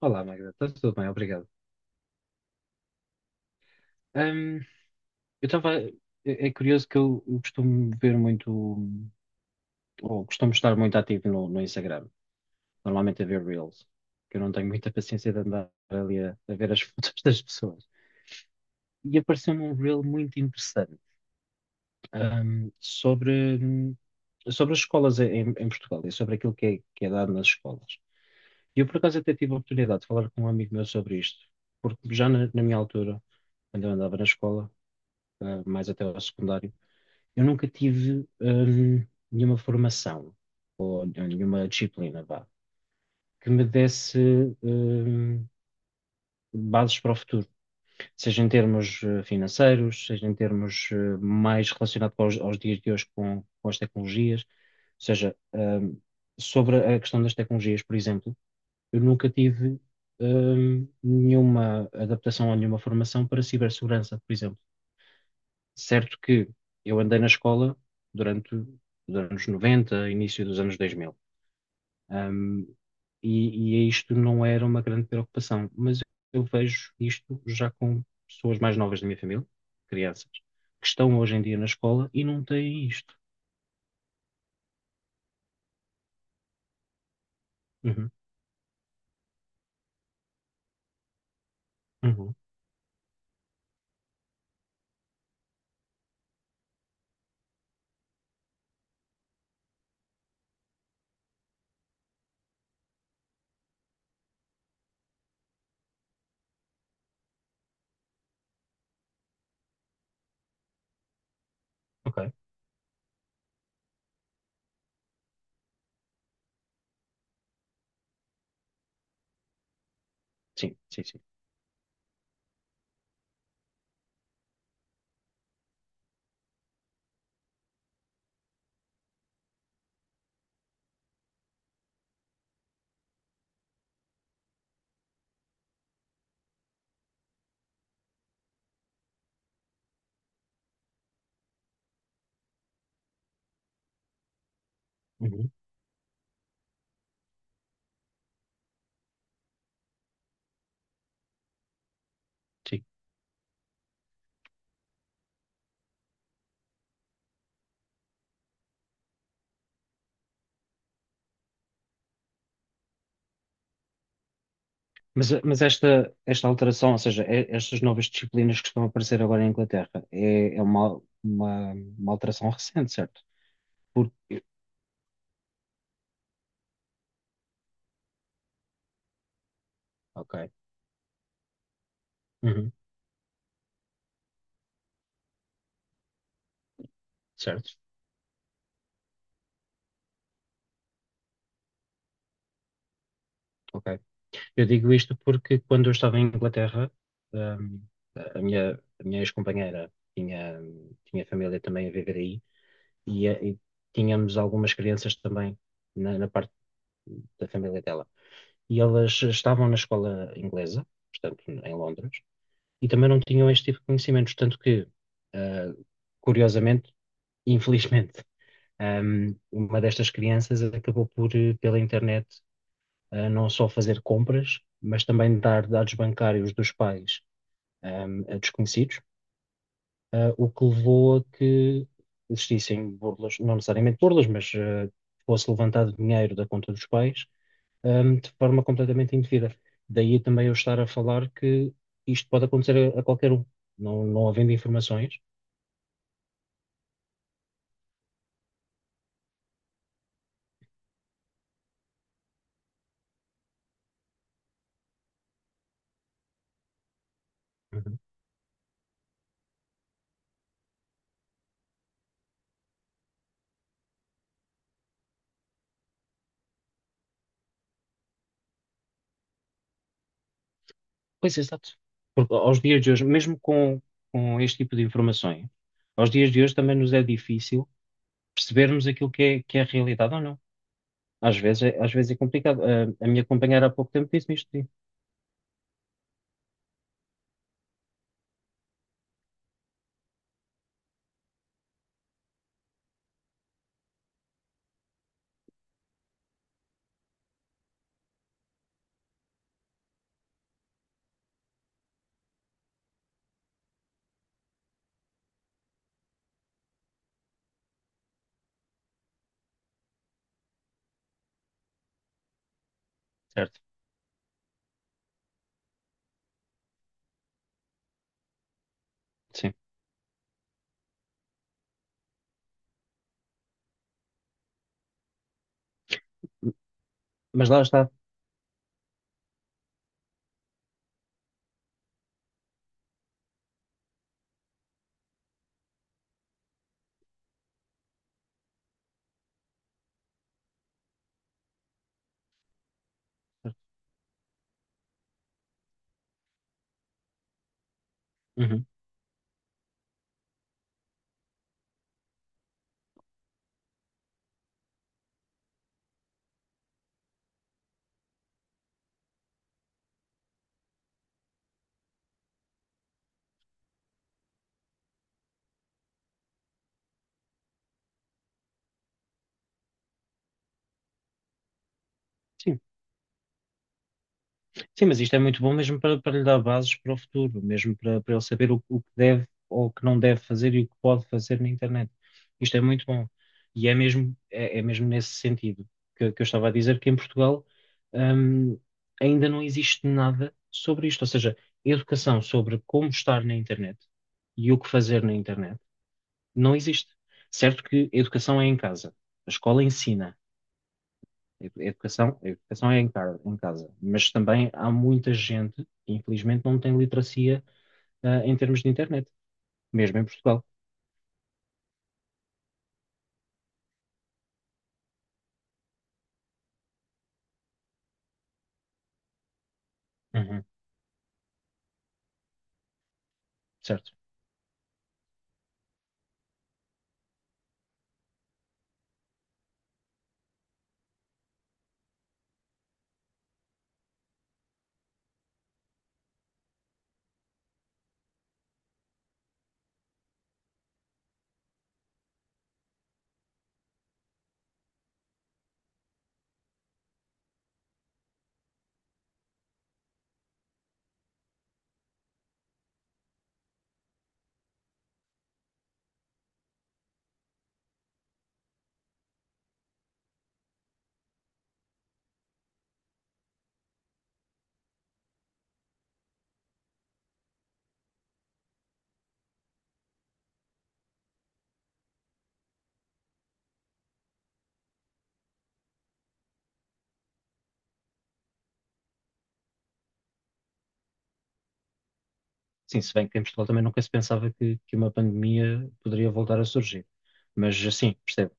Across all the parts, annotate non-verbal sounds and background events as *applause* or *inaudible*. Olá, Magda, está tudo bem, obrigado. Hum, eu estava. É curioso que eu costumo ver muito, ou costumo estar muito ativo no Instagram, normalmente a ver Reels, que eu não tenho muita paciência de andar ali a ver as *laughs* fotos das pessoas. E apareceu-me um Reel muito interessante, sobre, sobre as escolas em Portugal e sobre aquilo que é dado nas escolas. E eu, por acaso, até tive a oportunidade de falar com um amigo meu sobre isto, porque já na minha altura, quando eu andava na escola mais até ao secundário, eu nunca tive nenhuma formação ou nenhuma disciplina, vá, que me desse hum, bases para o futuro, seja em termos financeiros, seja em termos mais relacionados aos dias de hoje com as tecnologias, ou seja, sobre a questão das tecnologias, por exemplo, eu nunca tive nenhuma adaptação ou nenhuma formação para cibersegurança, por exemplo. Certo que eu andei na escola durante os anos 90 início dos anos 2000. Ahm, e é isto não era uma grande preocupação, mas eu vejo isto já com pessoas mais novas da minha família, crianças, que estão hoje em dia na escola e não têm isto. Uhum, uhum, ok. Sim, sim, sim. Uhum, sim. Mas esta alteração, ou seja, estas novas disciplinas que estão a aparecer agora. Uhum, certo, ok. Eu digo isto porque quando eu estava em Inglaterra, ahm, a minha, a minha ex-companheira tinha família também a viver aí e tínhamos algumas crianças também na parte da família dela. E elas estavam na escola inglesa, portanto, em Londres, e também não tinham este tipo de conhecimentos, tanto que, ah, curiosamente, *laughs* infelizmente, uma destas crianças acabou por, pela internet, não só fazer compras, mas também dar dados bancários dos pais, a desconhecidos, o que levou a que existissem burlas, não necessariamente burlas, mas fosse levantado dinheiro da conta dos pais, de forma completamente indevida. Daí também eu estar a falar que isto pode acontecer a qualquer um, não havendo informações. Uhum. Pois, exato. Porque aos dias de hoje, mesmo com este tipo de informações, aos dias de hoje também nos é difícil percebermos aquilo que é a realidade ou não. Às vezes é complicado. A minha companheira há pouco tempo disse-me isto, sim. Certo. Sim. Mas lá está. Certo. Uhum. Sim. Sim, mas isto é muito bom mesmo para lhe dar bases para o futuro, mesmo para ele saber o que deve ou o que não deve fazer e o que pode fazer na internet. Isto é muito bom. E é mesmo, é mesmo nesse sentido que eu estava a dizer que em Portugal, hum, ainda não existe nada sobre isto. Ou seja, educação sobre como estar na internet e o que fazer na internet não existe. Certo que educação é em casa, a escola ensina. Educação é em casa, mas também há muita gente que infelizmente não tem literacia, em termos de internet, mesmo em Portugal. Uhum, certo. Sim, se bem que em Portugal também nunca se pensava que uma pandemia poderia voltar a surgir. Mas sim, percebo.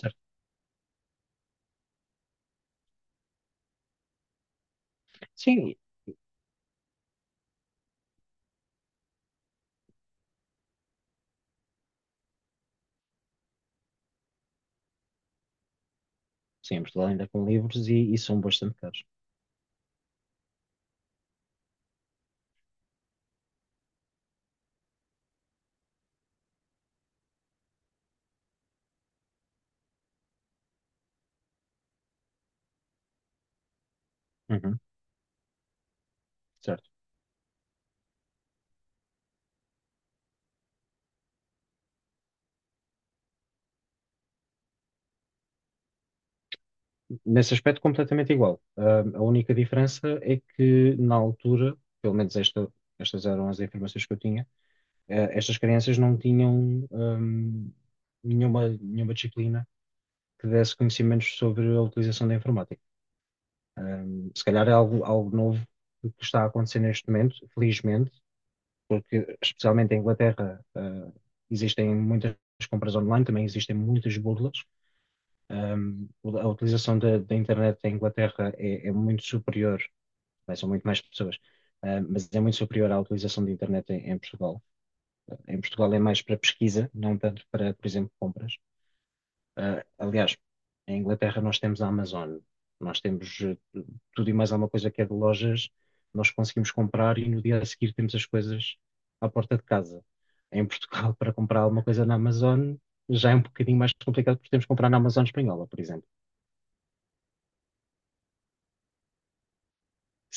Certo. Sim, sim, em Portugal ainda com livros e são bastante caros. Uhum, certo. Nesse aspecto, completamente igual. A única diferença é que na altura, pelo menos estas eram as informações que eu tinha estas crianças não tinham nenhuma disciplina que desse conhecimentos sobre a utilização da informática. Se calhar é algo novo que está a acontecer neste momento, felizmente, porque especialmente em Inglaterra, existem muitas compras online, também existem muitas burlas. Hum, a utilização da internet em Inglaterra é muito superior, bem, são muito mais pessoas, mas é muito superior à utilização da internet em Portugal. Em Portugal é mais para pesquisa, não tanto para, por exemplo, compras. Aliás, em Inglaterra nós temos a Amazon, nós temos tudo e mais alguma coisa que é de lojas, nós conseguimos comprar e no dia a seguir temos as coisas à porta de casa. Em Portugal, *laughs* para comprar alguma coisa na Amazon, já é um bocadinho mais complicado porque temos que comprar na Amazon espanhola, por exemplo.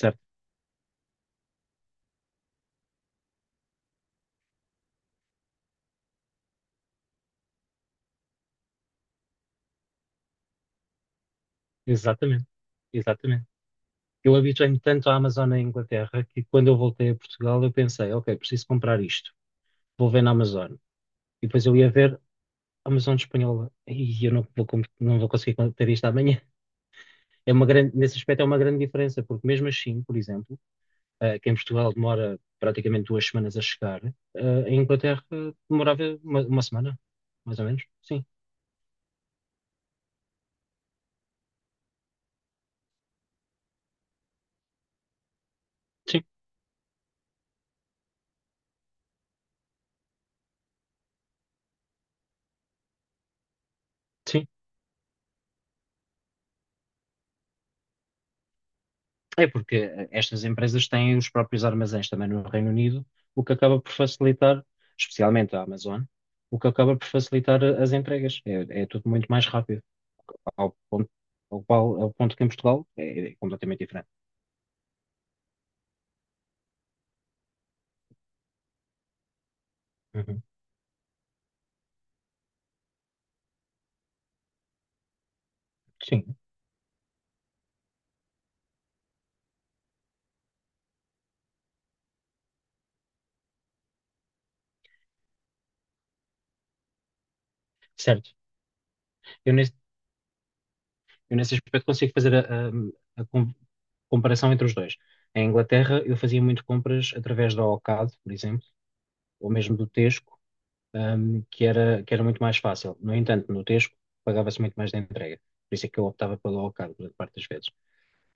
Certo? Exatamente, exatamente. Eu habituei-me tanto à Amazon na Inglaterra que quando eu voltei a Portugal eu pensei, ok, preciso comprar isto, vou ver na Amazon. E depois eu ia ver, Amazon espanhola, e eu não vou conseguir ter isto amanhã. É uma grande, nesse aspecto é uma grande diferença, porque mesmo assim, por exemplo, que em Portugal demora praticamente 2 semanas a chegar, em Inglaterra demorava uma semana, mais ou menos. Sim, sim, sim. É porque estas empresas têm os próprios armazéns também no Reino Unido, o que acaba por facilitar, especialmente a Amazon, o que acaba por facilitar as entregas. É tudo muito mais rápido. Ao ponto, ao qual, ao ponto que em Portugal é completamente diferente. Uhum. Sim, certo. Eu nesse, eu nesse aspecto consigo fazer a comparação entre os dois. Em Inglaterra, eu fazia muito compras através da Ocado, por exemplo, ou mesmo do Tesco, que era muito mais fácil. No entanto, no Tesco pagava-se muito mais da entrega. Por isso é que eu optava pelo ao cargo, grande parte das vezes.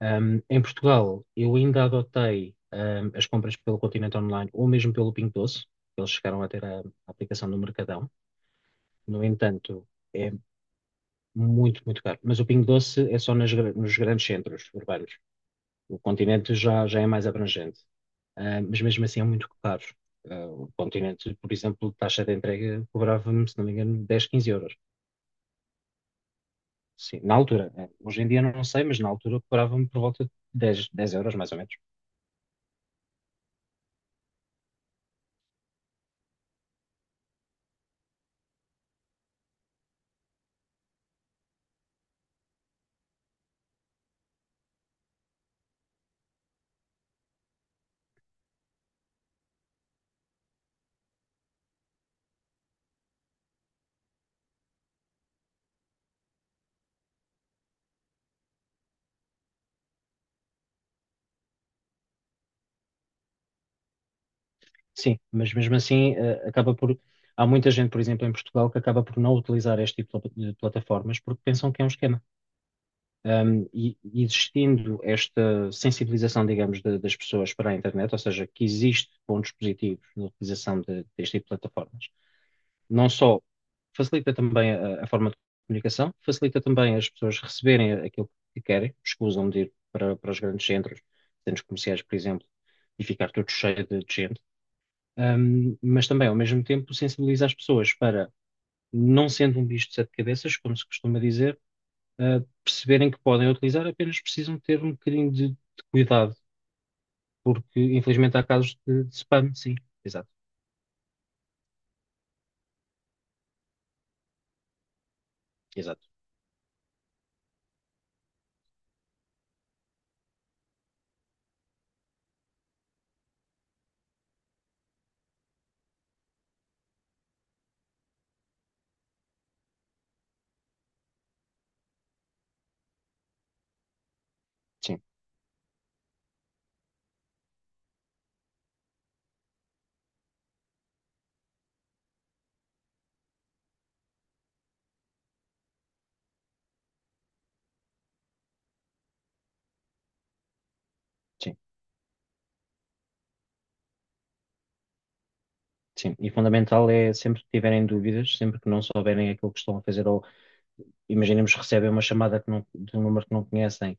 Em Portugal, eu ainda adotei, as compras pelo Continente Online ou mesmo pelo Pingo Doce. Eles chegaram a ter a aplicação do Mercadão. No entanto, é muito, muito caro. Mas o Pingo Doce é só nas nos grandes centros urbanos. O Continente já é mais abrangente. Mas mesmo assim é muito caro. O Continente, por exemplo, taxa de entrega cobrava-me, se não me engano, 10, 15 euros. Sim, na altura. Hoje em dia não sei, mas na altura cobrava-me por volta de dez euros, mais ou menos. Sim, mas mesmo assim, acaba por. Há muita gente, por exemplo, em Portugal, que acaba por não utilizar este tipo de de plataformas porque pensam que é um esquema. E existindo esta sensibilização, digamos, das pessoas para a internet, ou seja, que existe pontos positivos na utilização deste tipo de plataformas, não só facilita também a forma de comunicação, facilita também as pessoas receberem aquilo que querem, escusam de ir para os grandes centros, centros comerciais, por exemplo, e ficar tudo cheio de gente, mas também, ao mesmo tempo, sensibiliza as pessoas para, não sendo um bicho de sete cabeças, como se costuma dizer, perceberem que podem utilizar, apenas precisam ter um bocadinho de cuidado, porque infelizmente há casos de spam, sim, exato, exato, sim, sim. Sim, e fundamental é sempre que tiverem dúvidas, sempre que não souberem aquilo que estão a fazer, ou imaginemos que recebem uma chamada que não- de um número que não conhecem,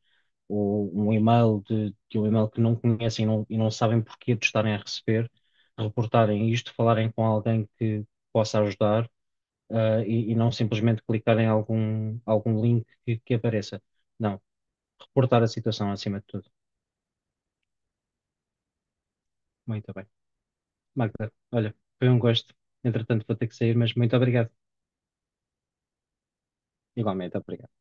ou um e-mail de um e-mail que não conhecem e não sabem porquê de estarem a receber, reportarem isto, falarem com alguém que possa ajudar, e não simplesmente clicarem em algum link que apareça. Não, reportar a situação acima de tudo. Muito bem. Magda, olha, foi um gosto. Entretanto, vou ter que sair, mas muito obrigado. Igualmente, obrigado.